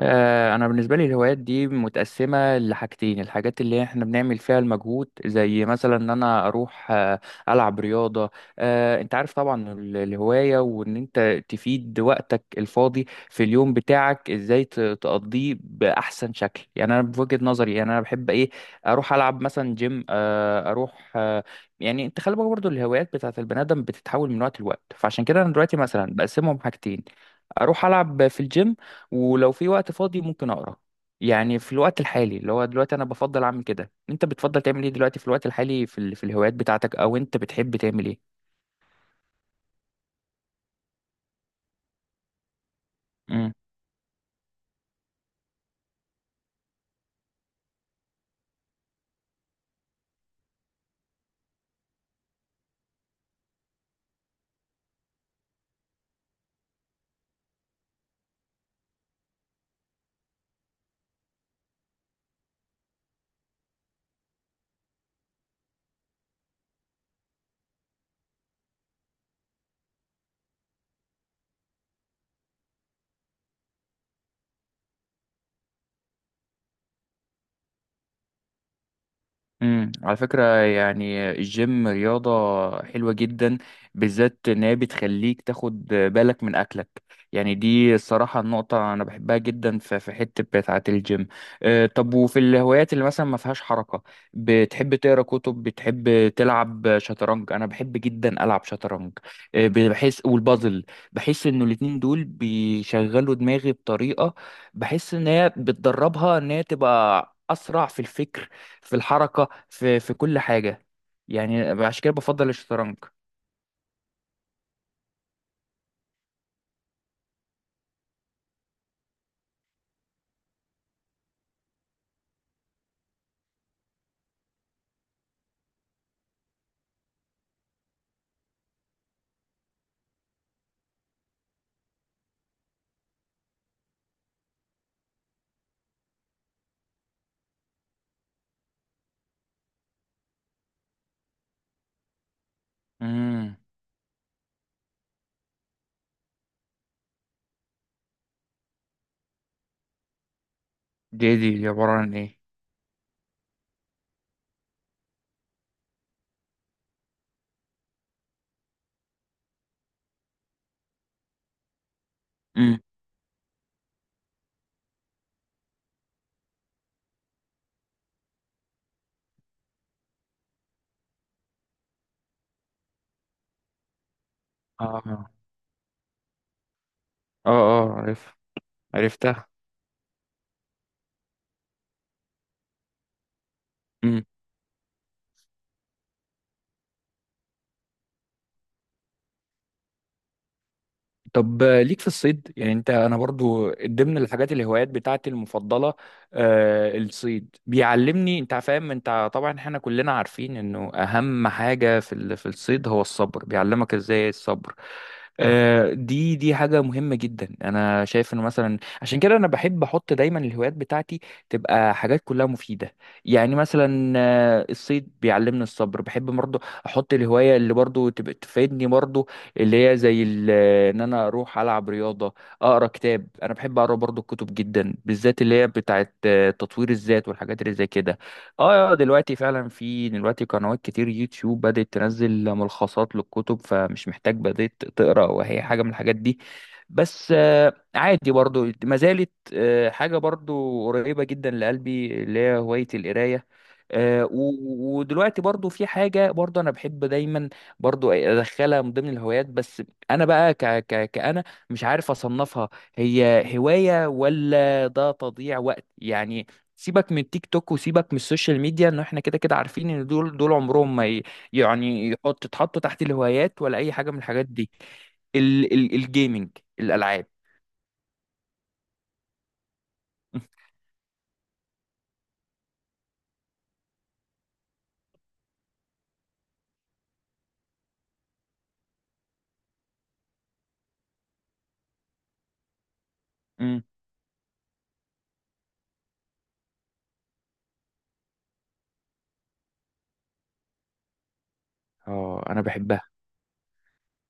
انا بالنسبه لي الهوايات دي متقسمه لحاجتين. الحاجات اللي احنا بنعمل فيها المجهود زي مثلا ان انا اروح العب رياضه. انت عارف طبعا الهوايه وان انت تفيد وقتك الفاضي في اليوم بتاعك ازاي تقضيه باحسن شكل. يعني انا بوجهه نظري، يعني انا بحب ايه، اروح العب مثلا جيم، آه، اروح آه، يعني انت خلي بالك برضه الهوايات بتاعت البني ادم بتتحول من وقت لوقت، فعشان كده انا دلوقتي مثلا بقسمهم حاجتين: اروح العب في الجيم، ولو في وقت فاضي ممكن اقرا. يعني في الوقت الحالي اللي هو دلوقتي انا بفضل اعمل كده. انت بتفضل تعمل ايه دلوقتي في الوقت الحالي في في الهوايات بتاعتك، او انت بتحب تعمل ايه؟ على فكرة يعني الجيم رياضة حلوة جدا، بالذات ان هي بتخليك تاخد بالك من اكلك. يعني دي الصراحة النقطة انا بحبها جدا في حتة بتاعة الجيم. طب، وفي الهوايات اللي مثلا ما فيهاش حركة؟ بتحب تقرا كتب؟ بتحب تلعب شطرنج؟ انا بحب جدا العب شطرنج، بحس، والبازل. بحس انه الاتنين دول بيشغلوا دماغي بطريقة، بحس ان هي بتدربها، ان هي تبقى اسرع في الفكر، في الحركة، في كل حاجة. يعني عشان كده بفضل الشطرنج. امم. دي دي عبارة عن ايه؟ امم. اه اه. اه، عرف. عرفتها. طب ليك في الصيد؟ يعني انت، انا برضو ضمن الحاجات الهوايات بتاعتي المفضله، آه، الصيد، بيعلمني، انت فاهم، انت طبعا احنا كلنا عارفين انه اهم حاجه في في الصيد هو الصبر، بيعلمك ازاي الصبر. آه، دي حاجه مهمه جدا. انا شايف انه مثلا عشان كده انا بحب احط دايما الهوايات بتاعتي تبقى حاجات كلها مفيده. يعني مثلا الصيد بيعلمني الصبر. بحب برضو احط الهوايه اللي برضو تبقى تفيدني برضو، اللي هي زي ان انا اروح العب رياضه، اقرا كتاب. انا بحب اقرا برضو الكتب جدا، بالذات اللي هي بتاعه تطوير الذات والحاجات اللي زي كده. اه، دلوقتي فعلا في دلوقتي قنوات كتير يوتيوب بدات تنزل ملخصات للكتب، فمش محتاج بدات تقرا وهي حاجه من الحاجات دي. بس عادي برضو ما زالت حاجه برضو قريبه جدا لقلبي اللي هي هوايه القرايه. آه، و- ودلوقتي برضو في حاجة برضو أنا بحب دايما برضو ادخلها من ضمن الهوايات، بس انا بقى ك ك كأنا مش عارف اصنفها هي هواية ولا ده تضييع وقت يعني. سيبك من التيك توك وسيبك من السوشيال ميديا، ان احنا كده كده عارفين ان دول عمرهم ما يعني تتحطوا تحت الهوايات ولا اي حاجة من الحاجات دي. ال ال الجيمنج، الالعاب. مم. اه، انا بحبها.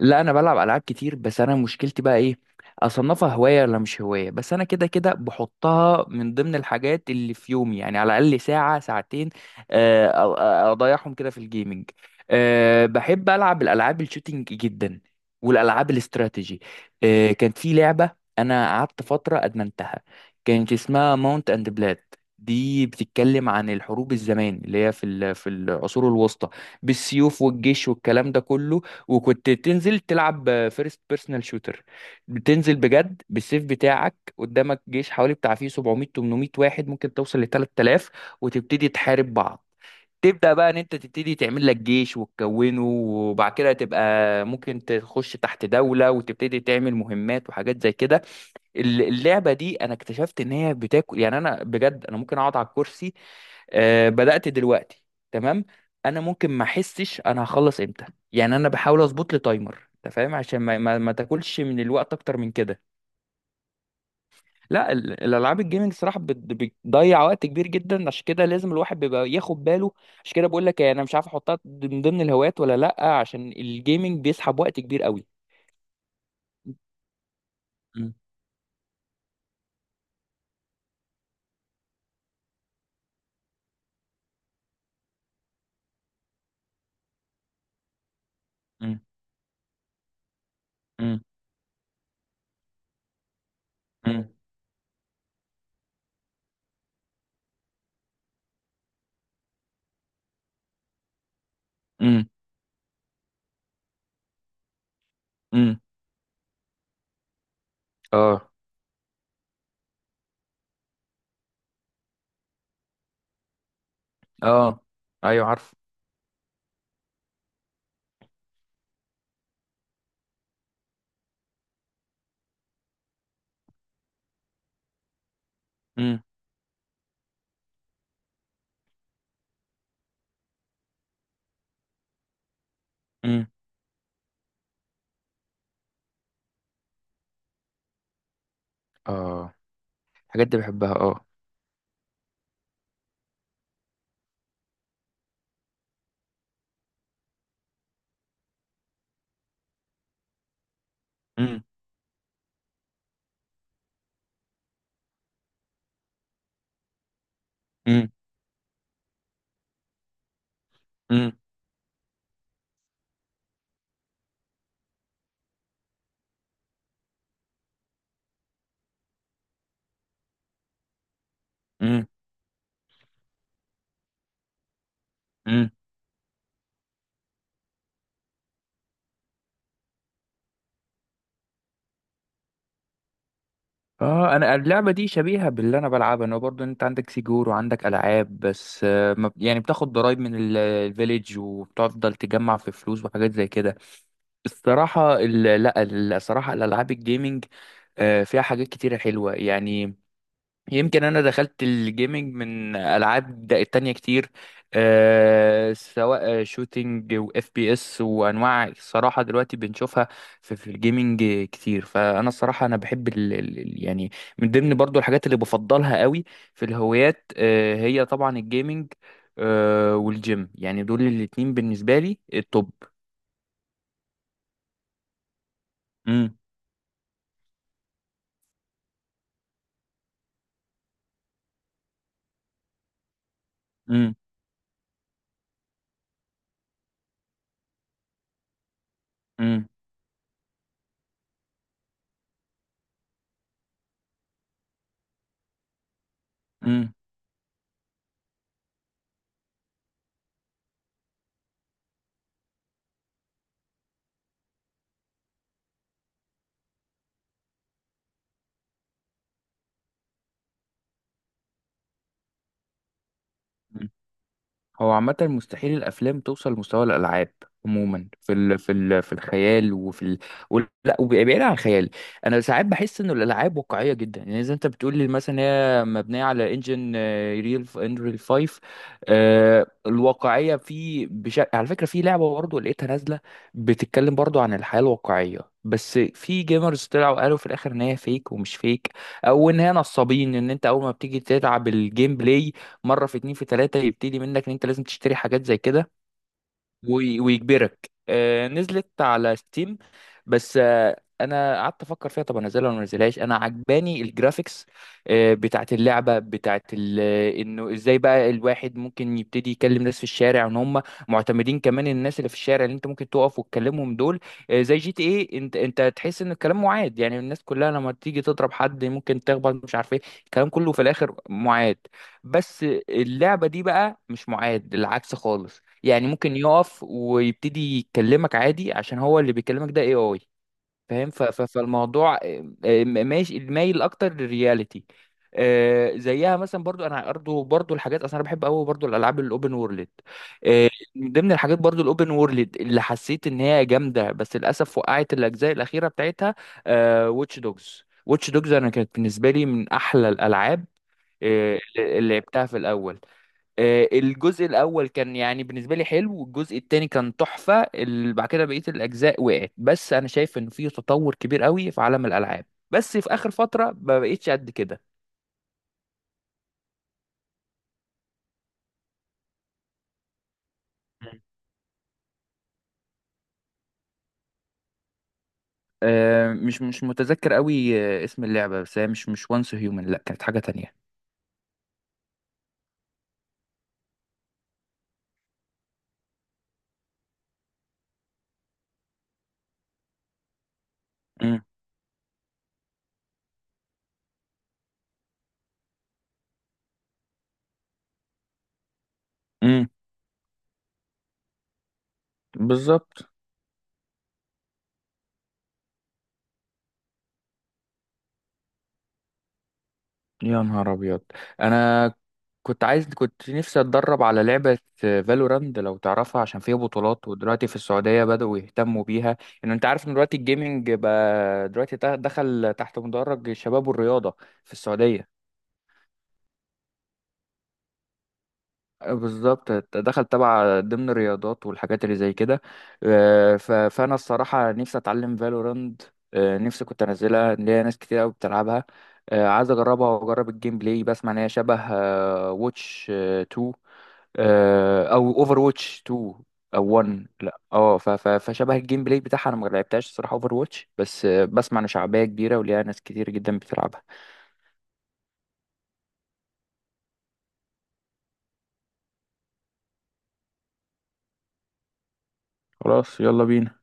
لا، انا بلعب العاب كتير، بس انا مشكلتي بقى ايه، اصنفها هوايه ولا مش هوايه؟ بس انا كده كده بحطها من ضمن الحاجات اللي في يومي، يعني على الاقل ساعه ساعتين آه، أ- أ- اضيعهم كده في الجيمنج. أه، بحب العب الالعاب الشوتينج جدا، والالعاب الاستراتيجي. أه، كانت في لعبه انا قعدت فتره ادمنتها، كانت اسمها ماونت اند بلاد. دي بتتكلم عن الحروب الزمان اللي هي في في العصور الوسطى، بالسيوف والجيش والكلام ده كله. وكنت تنزل تلعب فيرست بيرسونال شوتر، بتنزل بجد بالسيف بتاعك، قدامك جيش حوالي بتاع فيه 700 800 واحد، ممكن توصل ل 3,000، وتبتدي تحارب بعض. تبدأ بقى ان انت تبتدي تعمل لك جيش وتكونه، وبعد كده تبقى ممكن تخش تحت دولة وتبتدي تعمل مهمات وحاجات زي كده. اللعبه دي انا اكتشفت ان هي بتاكل، يعني انا بجد انا ممكن اقعد على الكرسي. بدات دلوقتي. تمام. انا ممكن ما احسش انا هخلص امتى. يعني انا بحاول اظبط لي تايمر، انت فاهم، عشان ما تاكلش من الوقت اكتر من كده. لا، الالعاب الجيمنج صراحه بتضيع وقت كبير جدا، عشان كده لازم الواحد بيبقى ياخد باله. عشان كده بقول لك إيه، انا مش عارف احطها من ضمن الهوايات ولا لا، عشان الجيمنج بيسحب وقت كبير قوي. مم. مم. مم. مم. مم. مم. اه، اه. ايوه عارف. امم. امم. اه، الحاجات دي بحبها، اه. امم. امم. امم. امم. امم. اه، انا اللعبه دي شبيهه باللي انا بلعبها. انا برضو انت عندك سيجور وعندك العاب، بس يعني بتاخد ضرايب من الفيليج، وبتفضل تجمع في فلوس وحاجات زي كده. الصراحه لا، الصراحه الالعاب الجيمنج فيها حاجات كتيره حلوه يعني. يمكن انا دخلت الجيمنج من العاب تانية كتير. أه، سواء شوتينج واف بي اس وانواع، الصراحه دلوقتي بنشوفها في الجيمنج كتير. فانا الصراحه انا بحب يعني من ضمن برضو الحاجات اللي بفضلها قوي في الهوايات، أه، هي طبعا الجيمنج، أه، والجيم. يعني دول الاتنين بالنسبه لي التوب. امم. امم. امم. هو عامة مستحيل الأفلام توصل لمستوى الألعاب، عموما في الخيال، وفي ال، لا، وبعيد عن الخيال. أنا ساعات بحس إنه الألعاب واقعية جدا، يعني إذا أنت بتقول لي مثلا هي مبنية على إنجن ريل إنريل 5. الواقعية في بشكل، على فكرة، في لعبة برضه لقيتها نازلة بتتكلم برضه عن الحياة الواقعية، بس في جيمرز طلعوا قالوا في الآخر إن هي فيك ومش فيك، أو إن هي نصابين، إن أنت أول ما بتيجي تلعب الجيم بلاي مره، في اتنين، في تلاته يبتدي منك ان انت لازم تشتري حاجات زي كده. ويجبرك. نزلت على ستيم، بس انا قعدت افكر فيها، طب انزلها ولا ما انزلهاش؟ انا عجباني الجرافيكس بتاعت اللعبه بتاعت انه ازاي بقى الواحد ممكن يبتدي يكلم ناس في الشارع، ان هم معتمدين كمان، الناس اللي في الشارع اللي انت ممكن تقف وتكلمهم دول. زي جي تي ايه، انت انت تحس ان الكلام معاد، يعني الناس كلها لما تيجي تضرب حد ممكن تخبط، مش عارف ايه، الكلام كله في الاخر معاد. بس اللعبه دي بقى مش معاد، العكس خالص. يعني ممكن يقف ويبتدي يكلمك عادي عشان هو اللي بيكلمك ده اي اي. فاهم؟ فالموضوع ماشي مايل اكتر للرياليتي. زيها مثلا، برضو انا برضو الحاجات، اصلا انا بحب قوي برضو الالعاب الاوبن وورلد. من ضمن الحاجات برضو الاوبن وورلد اللي حسيت ان هي جامده، بس للاسف وقعت الاجزاء الاخيره بتاعتها، واتش دوجز. انا كانت بالنسبه لي من احلى الالعاب، اللي لعبتها في الاول. الجزء الاول كان يعني بالنسبه لي حلو، والجزء التاني كان تحفه، بعد كده بقيه الاجزاء وقعت. بس انا شايف ان في تطور كبير قوي في عالم الالعاب، بس في اخر فتره ما بقتش قد كده. مش متذكر قوي اسم اللعبه، بس هي مش وانس هيومن، لا كانت حاجه تانية. امم. امم. بالظبط. يا نهار ابيض. انا كنت عايز، كنت نفسي اتدرب على لعبة فالوراند لو تعرفها، عشان فيها بطولات، ودلوقتي في السعودية بدأوا يهتموا بيها. ان انت عارف ان دلوقتي الجيمنج بقى دلوقتي دخل تحت مدرج الشباب والرياضة في السعودية. بالظبط، دخل تبع ضمن الرياضات والحاجات اللي زي كده. فانا الصراحة نفسي اتعلم فالوراند. نفسي كنت انزلها، إن ليا ناس كتير قوي بتلعبها. عايز اجربها واجرب الجيم بلاي. بسمع ان هي شبه واتش 2، او اوفر واتش 2، او 1، لا. اه، فشبه الجيم بلاي بتاعها. انا ما لعبتهاش الصراحه اوفر واتش، بس بسمع ان شعبيه كبيره وليها ناس كتير جدا بتلعبها. خلاص، يلا بينا.